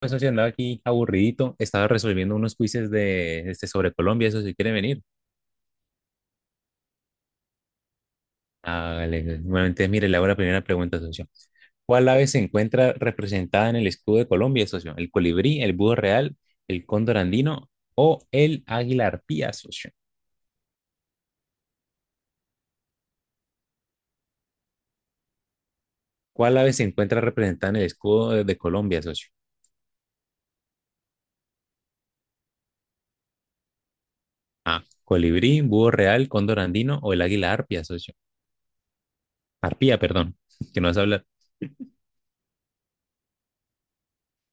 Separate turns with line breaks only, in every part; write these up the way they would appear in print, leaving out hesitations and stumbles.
Pues no sé, andaba aquí aburridito, estaba resolviendo unos quizzes de este sobre Colombia, eso si quiere venir. Hágale, bueno, entonces mire, le hago la primera pregunta, socio. ¿Cuál ave se encuentra representada en el escudo de Colombia, socio? ¿El colibrí, el búho real, el cóndor andino o el águila arpía, socio? ¿Cuál ave se encuentra representada en el escudo de Colombia, socio? A, colibrí, búho real, cóndor andino o el águila arpía, socio. Arpía, perdón, que no se habla.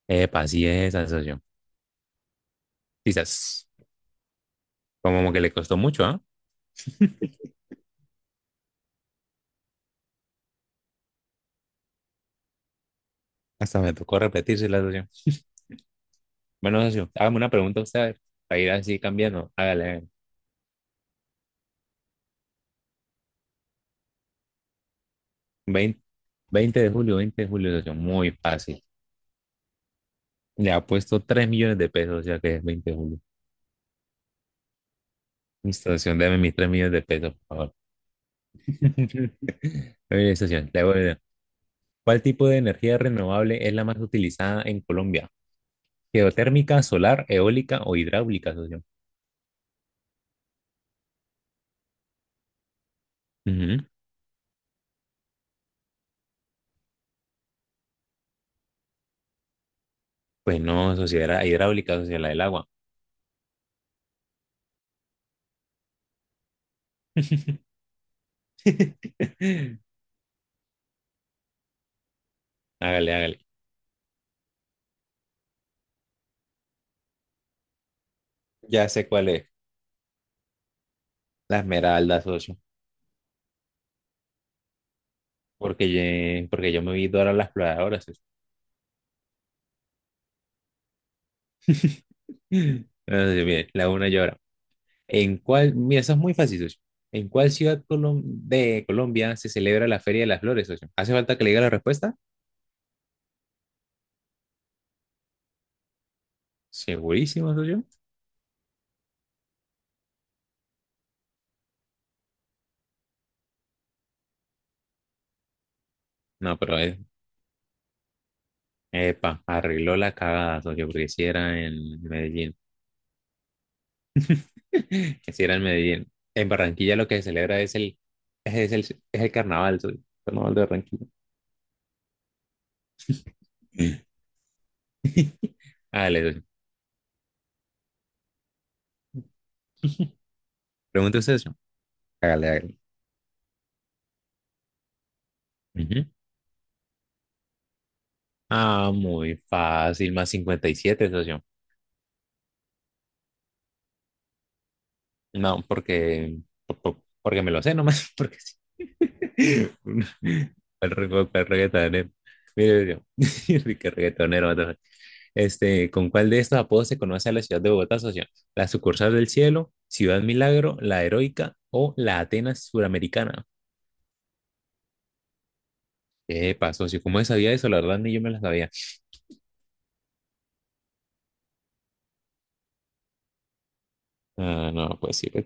Epa, así es, socio. Quizás, como que le costó mucho, ¿ah? Hasta me tocó repetirse la socio. Bueno, socio, hágame una pregunta a usted, a ver, para ir así cambiando. Hágale, a ver. 20, 20 de julio, 20 de julio, socio, muy fácil. Le ha puesto 3 millones de pesos, o sea que es 20 de julio. Listo, socio, deme mis 3 millones de pesos, por favor. Oye, socio, le voy a dar. ¿Cuál tipo de energía renovable es la más utilizada en Colombia? ¿Geotérmica, solar, eólica o hidráulica, socio? Ujú. Pues no, socio, era hidráulica, socio, la del agua. Hágale, hágale. Ya sé cuál es. La Esmeralda, socio. Porque porque yo me vi Dora la Exploradora, socio. Entonces, mire, la una llora. ¿En cuál? Mira, eso es muy fácil, socio. ¿En cuál ciudad de Colombia se celebra la Feria de las Flores, socio? ¿Hace falta que le diga la respuesta? Segurísimo, socio. No, pero es. Epa, arregló la cagada, socio, porque si era en Medellín. Si era en Medellín. En Barranquilla lo que se celebra es el carnaval, socio. Carnaval de Barranquilla. Hágale, socio. Pregunta usted, socio. Hágale, hágale. Ujú. Ah, muy fácil, +57, socio. No, porque me lo sé nomás, porque sí. El reggaetonero. Mire, socio, qué reggaetonero. What. Este, ¿con cuál de estos apodos se conoce a la ciudad de Bogotá, socio? ¿La sucursal del cielo, Ciudad Milagro, la Heroica o la Atenas Suramericana? Epa, socio, ¿cómo sabía eso? La verdad, ni yo me la sabía. Ah, no, pues sí, pues,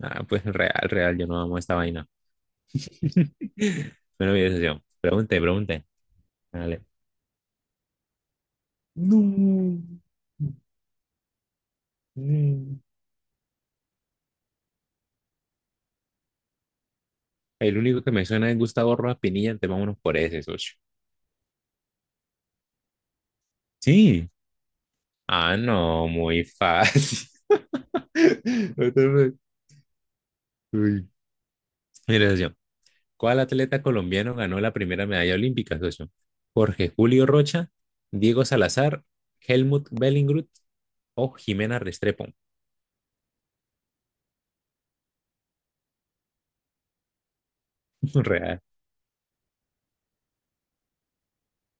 ah, pues real, real, yo no amo esta vaina. Bueno, mi decisión. Pregunte, pregunte. Dale. No. Mm. El único que me suena es Gustavo Rojas Pinilla, entonces vámonos por ese, socio. Sí. Ah, no, muy fácil. What the fuck? Uy. Mira, socio. ¿Cuál atleta colombiano ganó la primera medalla olímpica, socio? Jorge Julio Rocha, Diego Salazar, Helmut Bellingrud o Jimena Restrepo. Real.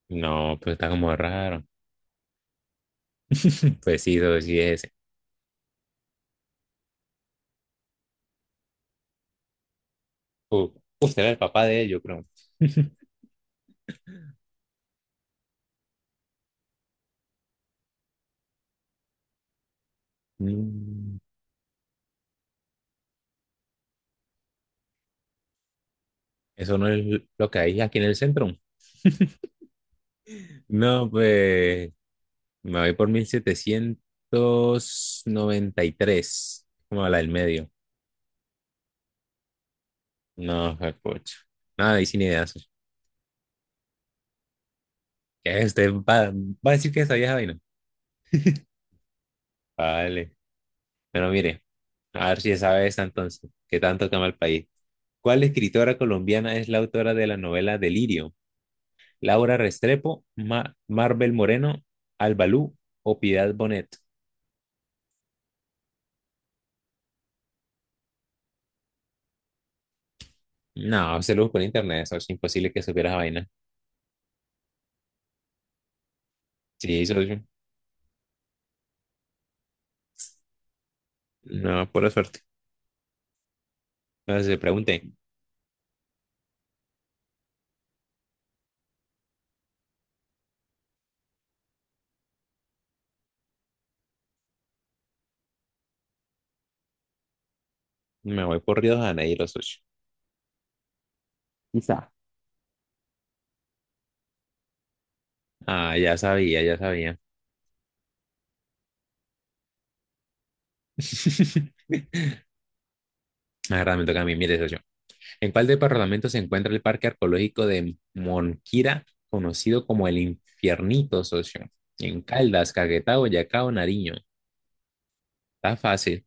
No, pues está como raro. Pues sí, socio, sí es. Uh, Usted era el papá de ellos, creo. Mm, Eso no es lo que hay aquí en el centro. No, pues me voy por 1793 como la del medio. No, coche. Nada, ahí sin ideas. ¿Qué? ¿Usted va a decir que esa vieja vaina? Vale. Bueno, mire, a ver si sabe esta entonces, que tanto toma el país. ¿Cuál escritora colombiana es la autora de la novela Delirio? Laura Restrepo, Marvel Moreno, Albalú o Piedad Bonet. No, se lo busco en internet, eso es imposible que supiera esa vaina. Sí, socio. No, pura suerte. Entonces se pregunté, me voy por Río de Janeiro, socio. Quizá. Ah, ya sabía, ya sabía. Ahora me toca a mí, mire, socio. ¿En cuál departamento se encuentra el Parque Arqueológico de Monquira, conocido como el Infiernito, socio? ¿En Caldas, Caquetá, Boyacá o Nariño? Está fácil.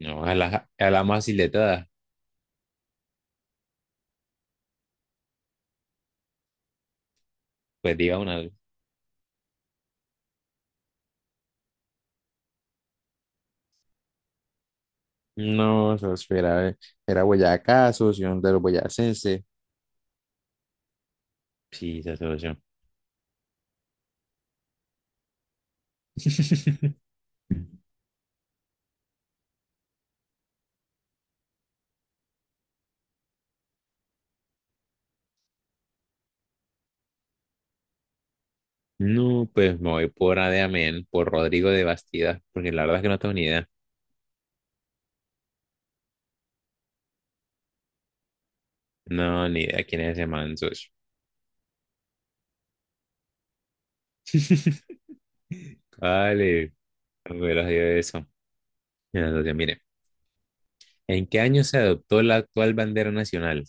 No, a la más. Pues diga una. No, eso era Boyacá, asociación de los boyacenses. Sí, se asoció. No, pues me voy por Adeamén, por Rodrigo de Bastidas porque la verdad es que no tengo ni idea. No, ni idea quién es ese man, socio. Vale, no hubiera sido eso. Mira, socio, mire, ¿en qué año se adoptó la actual bandera nacional?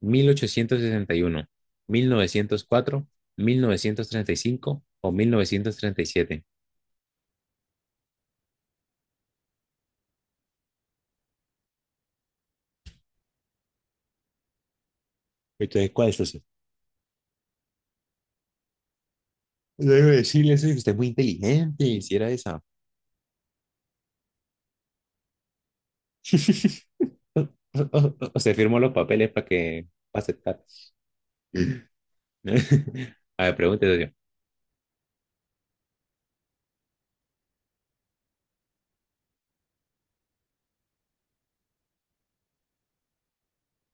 1861, 1904, 1935 o 1937. Entonces, ¿cuál es eso? Luego decirle eso, y usted es muy inteligente, hiciera esa. O o se firmó los papeles para que para aceptar. A ver, pregúntese yo.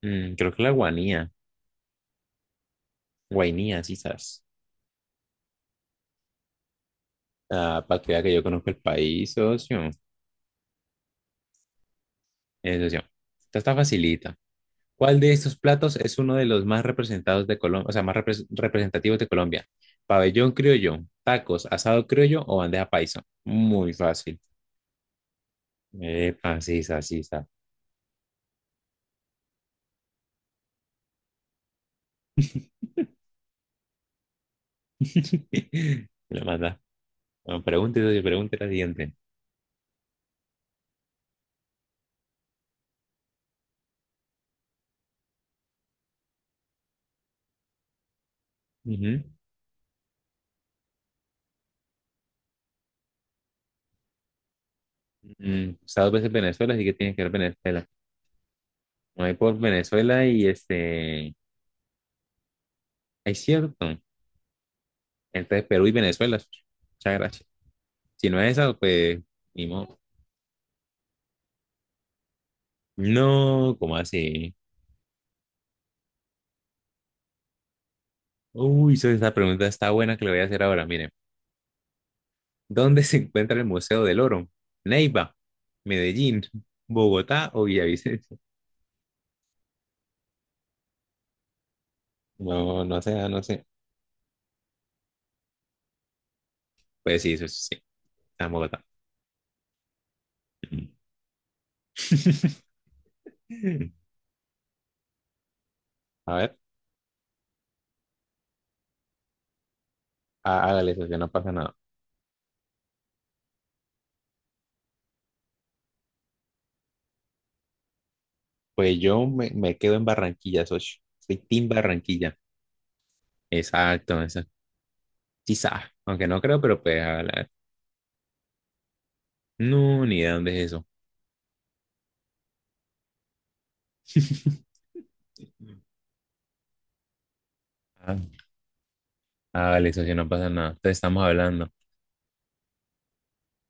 Creo que la guanía, guainía, sí, sabes. Ah, para que vea que yo conozco el país, socio. Socio, esta está facilita. ¿Cuál de estos platos es uno de los más representados de Colombia, o sea, más representativos de Colombia? Pabellón criollo, tacos, asado criollo o bandeja paisa. Muy fácil. Epa, sí, sa, sí, sa. Lo mata. Bueno, pregunta y doy pregunta la siguiente. Ujú. He estado veces en Venezuela, así que tienes que ver Venezuela. Me voy por Venezuela y este. Es cierto. Entonces, Perú y Venezuela. Muchas gracias. Si no es esa, pues. Ni modo. No, ¿cómo así? Uy, esa pregunta está buena que le voy a hacer ahora. Miren, ¿dónde se encuentra el Museo del Oro? Neiva, Medellín, Bogotá o Villavicencio. No, no sé, no sé. Pues sí, eso sí, está en Bogotá. A ver, hágale, socio, no pasa nada. Pues yo me quedo en Barranquilla, socio. Soy Team Barranquilla. Exacto, eso. Quizá, aunque no creo, pero pues hágale, a ver. No, ni idea dónde es eso. Ah, hágale, socio, no pasa nada. Entonces estamos hablando.